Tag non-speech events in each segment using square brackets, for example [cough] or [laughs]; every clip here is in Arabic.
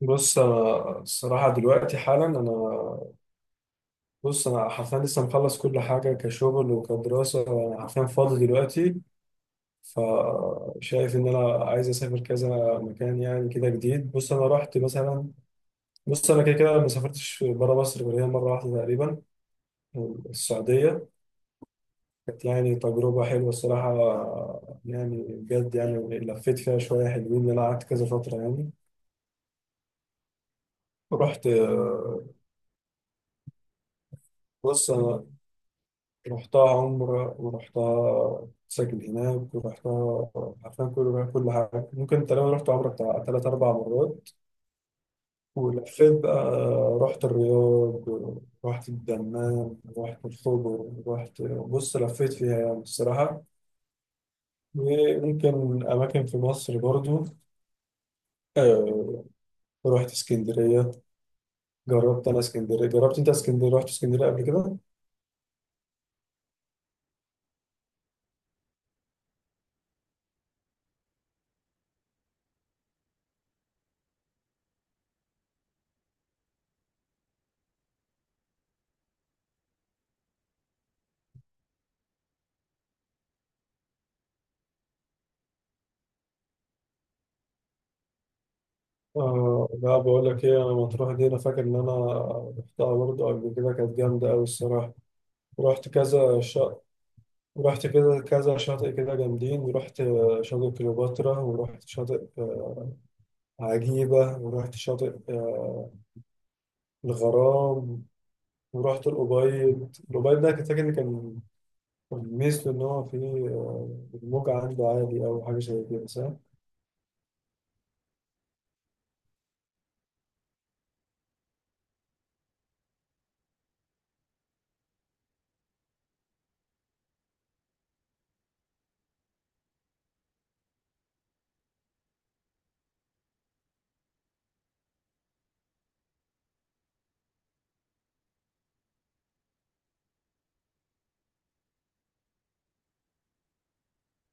بص، الصراحة دلوقتي حالا أنا. بص، أنا حرفيا لسه مخلص كل حاجة كشغل وكدراسة. أنا حرفيا فاضي دلوقتي. فشايف إن أنا عايز أسافر كذا مكان يعني كده جديد. بص، أنا رحت مثلا. بص، أنا كده كده ما سافرتش برا مصر غير هي مرة واحدة تقريبا، السعودية. كانت يعني تجربة حلوة الصراحة، يعني بجد يعني لفيت فيها شوية حلوين، إن أنا قعدت كذا فترة يعني. رحت. بص، أنا رحتها عمرة ورحتها ساكن هناك ورحتها، عارفين كل حاجة ممكن، تقريبا رحت عمرة بتاع تلات أربع مرات. ولفيت بقى، رحت الرياض، رحت الدمام، رحت الخبر، رحت، بص، لفيت فيها يعني الصراحة. وممكن أماكن في مصر برضو. آه، رحت اسكندرية. جربت أنا اسكندرية، جربت أنت اسكندرية، رحت اسكندرية قبل كده؟ آه لا، بقول لك ايه، انا مطروح دي انا فاكر ان انا رحتها برضه قبل كده، كانت جامده قوي الصراحه. رحت كذا شاطئ، رحت كده كذا شاطئ كده جامدين، رحت شاطئ كليوباترا، ورحت شاطئ عجيبه، ورحت شاطئ الغرام. ورحت الأبيض. الأبيض ده كنت فاكر إن كان، كان ميزته إن هو فيه الموج عنده عالي أو حاجة زي كده، صح؟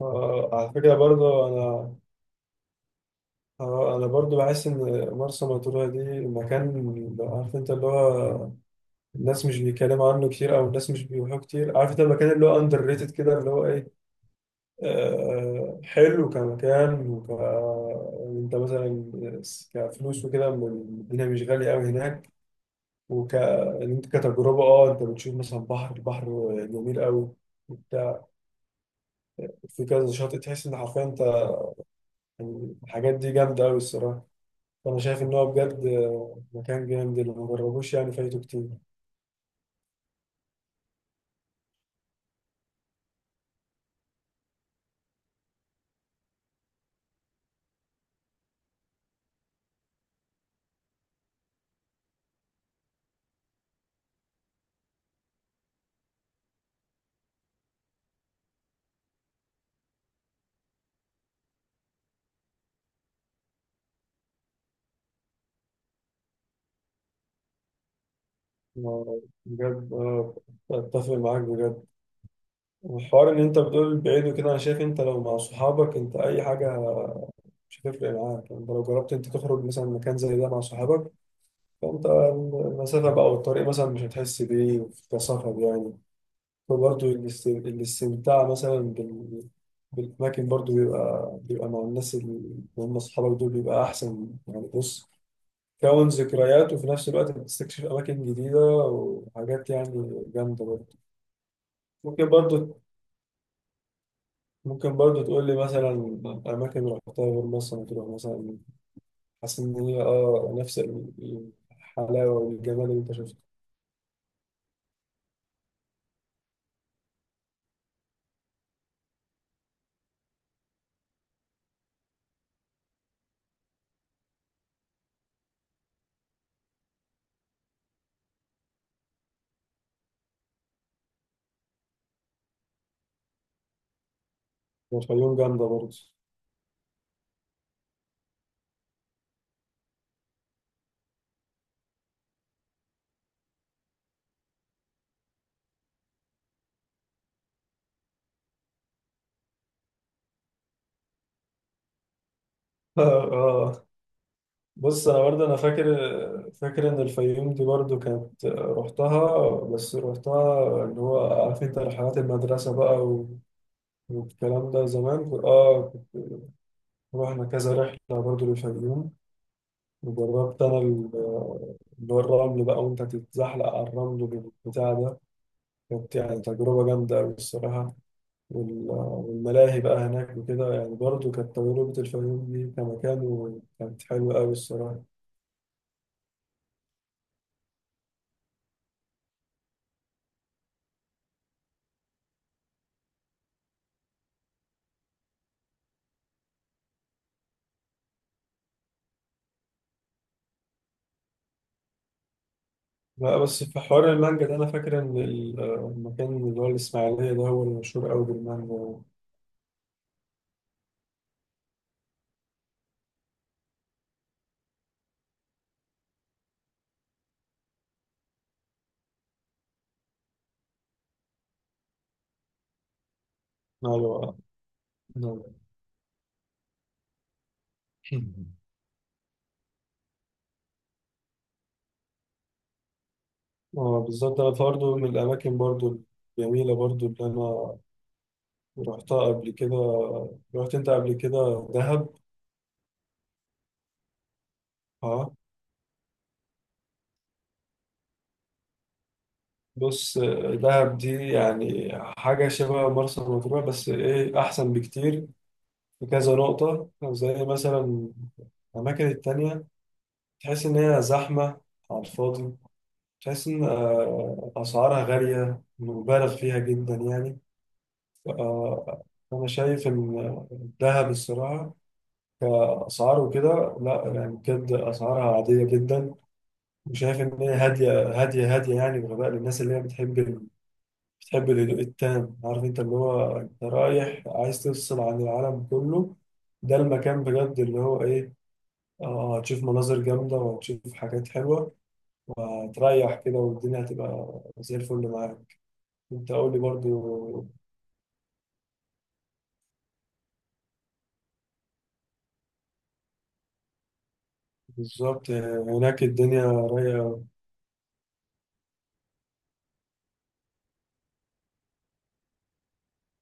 على فكرة برضه أنا، اه انا برضو بحس ان مرسى مطروح دي مكان، عارف انت اللي هو الناس مش بيتكلموا عنه كتير او الناس مش بيروحوا كتير، عارف انت المكان اللي هو اندر ريتد كده اللي هو ايه. آه حلو كمكان، وك يعني انت مثلا كفلوس وكده الدنيا مش غالية قوي هناك. وك إن انت كتجربة اه انت بتشوف مثلا بحر جميل قوي وبتاع. في كذا شاطئ، تحس ان حرفيا انت يعني الحاجات دي جامدة قوي الصراحة. فأنا شايف إن هو بجد مكان جامد، اللي ما جربوش يعني فايته كتير. ما- بجد، أتفق معاك بجد. والحوار إن أنت بتقول بعيد وكده، أنا شايف أنت لو مع صحابك أنت أي حاجة مش هتفرق معاك، يعني أنت لو جربت أنت تخرج مثلا مكان زي ده مع صحابك، فأنت المسافة بقى والطريق مثلا مش هتحس بيه في كصفر يعني. وبرضه الاستمتاع مثلا بالأماكن برضه بيبقى مع الناس اللي هم أصحابك دول، بيبقى أحسن يعني. بص، تكون ذكريات وفي نفس الوقت بتستكشف أماكن جديدة وحاجات يعني جامدة برضه. ممكن برضه، ممكن برضه تقول لي مثلا أماكن رحتها غير مصر مطروح مثلا، حاسس إن هي آه نفس الحلاوة والجمال اللي أنت شفته. والفيوم جامدة برضه. [laughs] آه. بص، أنا برضه أنا فاكر، فاكر إن الفيوم دي برضه كانت رحتها، بس رحتها اللي هو عارف أنت رحلات المدرسة بقى والكلام ده زمان آه. رحنا كذا رحلة برضو للفيوم. وجربت أنا اللي هو الرمل بقى، وأنت تتزحلق على الرمل والبتاع ده، كانت يعني تجربة جامدة أوي الصراحة. والملاهي بقى هناك وكده، يعني برضو كانت تجربة الفيوم دي كمكان، وكانت حلوة أوي الصراحة. لا بس في حوار المانجا ده أنا فاكر إن المكان اللي هو الإسماعيلية ده هو المشهور أوي بالمانجا. أيوه، أيوه. [laughs] اه بالظبط، انا برضه من الاماكن برضه الجميله برضه اللي انا رحتها قبل كده، رحت انت قبل كده دهب؟ اه. بص، دهب دي يعني حاجة شبه مرسى مطروح بس ايه، أحسن بكتير. في كذا نقطة زي مثلا الأماكن التانية، تحس إن هي زحمة على الفاضي، تحس إن أسعارها غالية مبالغ فيها جدا يعني. آه، أنا شايف إن دهب الصراحة كأسعار وكده لا، يعني بجد أسعارها عادية جدا. وشايف ان هي هاديه هاديه هاديه، يعني بغباء للناس اللي هي بتحب بتحب الهدوء التام، عارف انت اللي هو انت رايح عايز تفصل عن العالم كله. ده المكان بجد اللي هو ايه، اه هتشوف مناظر جامده وهتشوف حاجات حلوه وهتريح كده، والدنيا هتبقى زي الفل معاك. انت قول لي برضو. بالظبط، هناك الدنيا رايقه.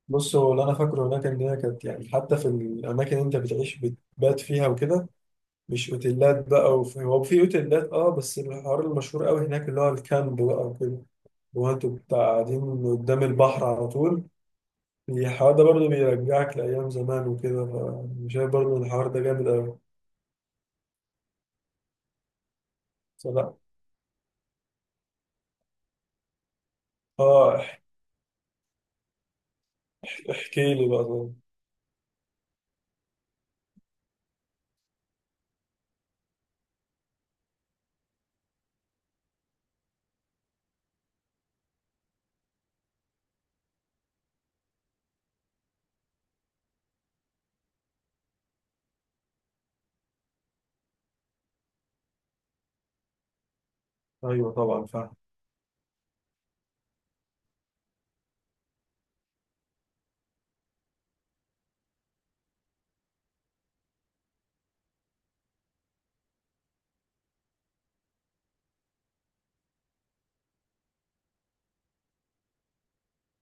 بص، هو اللي انا فاكره هناك ان هي كانت يعني حتى في الاماكن اللي انت بتعيش بتبات فيها وكده، مش اوتيلات بقى، وفي هو في اوتيلات اه، بس الحوار المشهور قوي هناك اللي هو الكامب بقى وكده. هو انتوا بتاع قاعدين قدام البحر على طول. الحوار ده برضه بيرجعك لأيام زمان وكده، فأنا شايف برضه إن الحوار ده جامد أوي. فلا، اه احكي لي بقى طبعا. أيوه طبعا فاهم.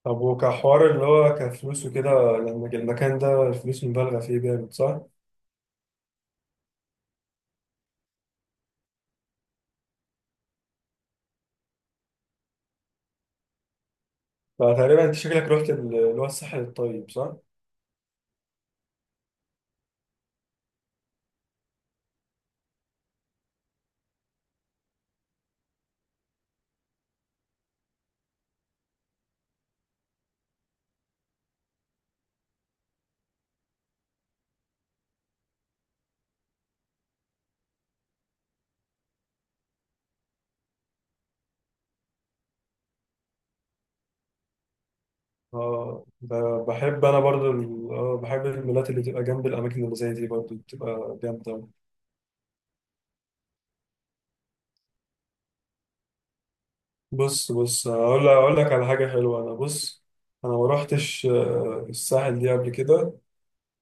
طب وكحوار اللي هو كفلوس وكده، لما المكان ده الفلوس مبالغة فيه جامد، صح؟ فتقريبا أنت شكلك رحت اللي هو الساحل الطيب، صح؟ اه، بحب انا برضو اه بحب المولات اللي تبقى جنب الاماكن اللي زي دي، برضو بتبقى جامده أوي. بص، بص، اقول لك، اقول لك على حاجه حلوه. انا بص، انا ما روحتش الساحل دي قبل كده.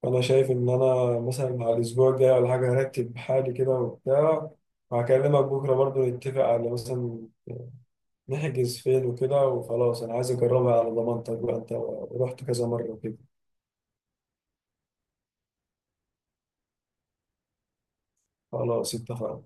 فانا شايف ان انا مثلا على الاسبوع الجاي ولا حاجه هرتب حالي كده وبتاع، وهكلمك بكره برضو نتفق على مثلا نحجز فين وكده، وخلاص انا عايز اجربها على ضمانتك بقى، انت رحت كذا مره كده. خلاص اتفقنا.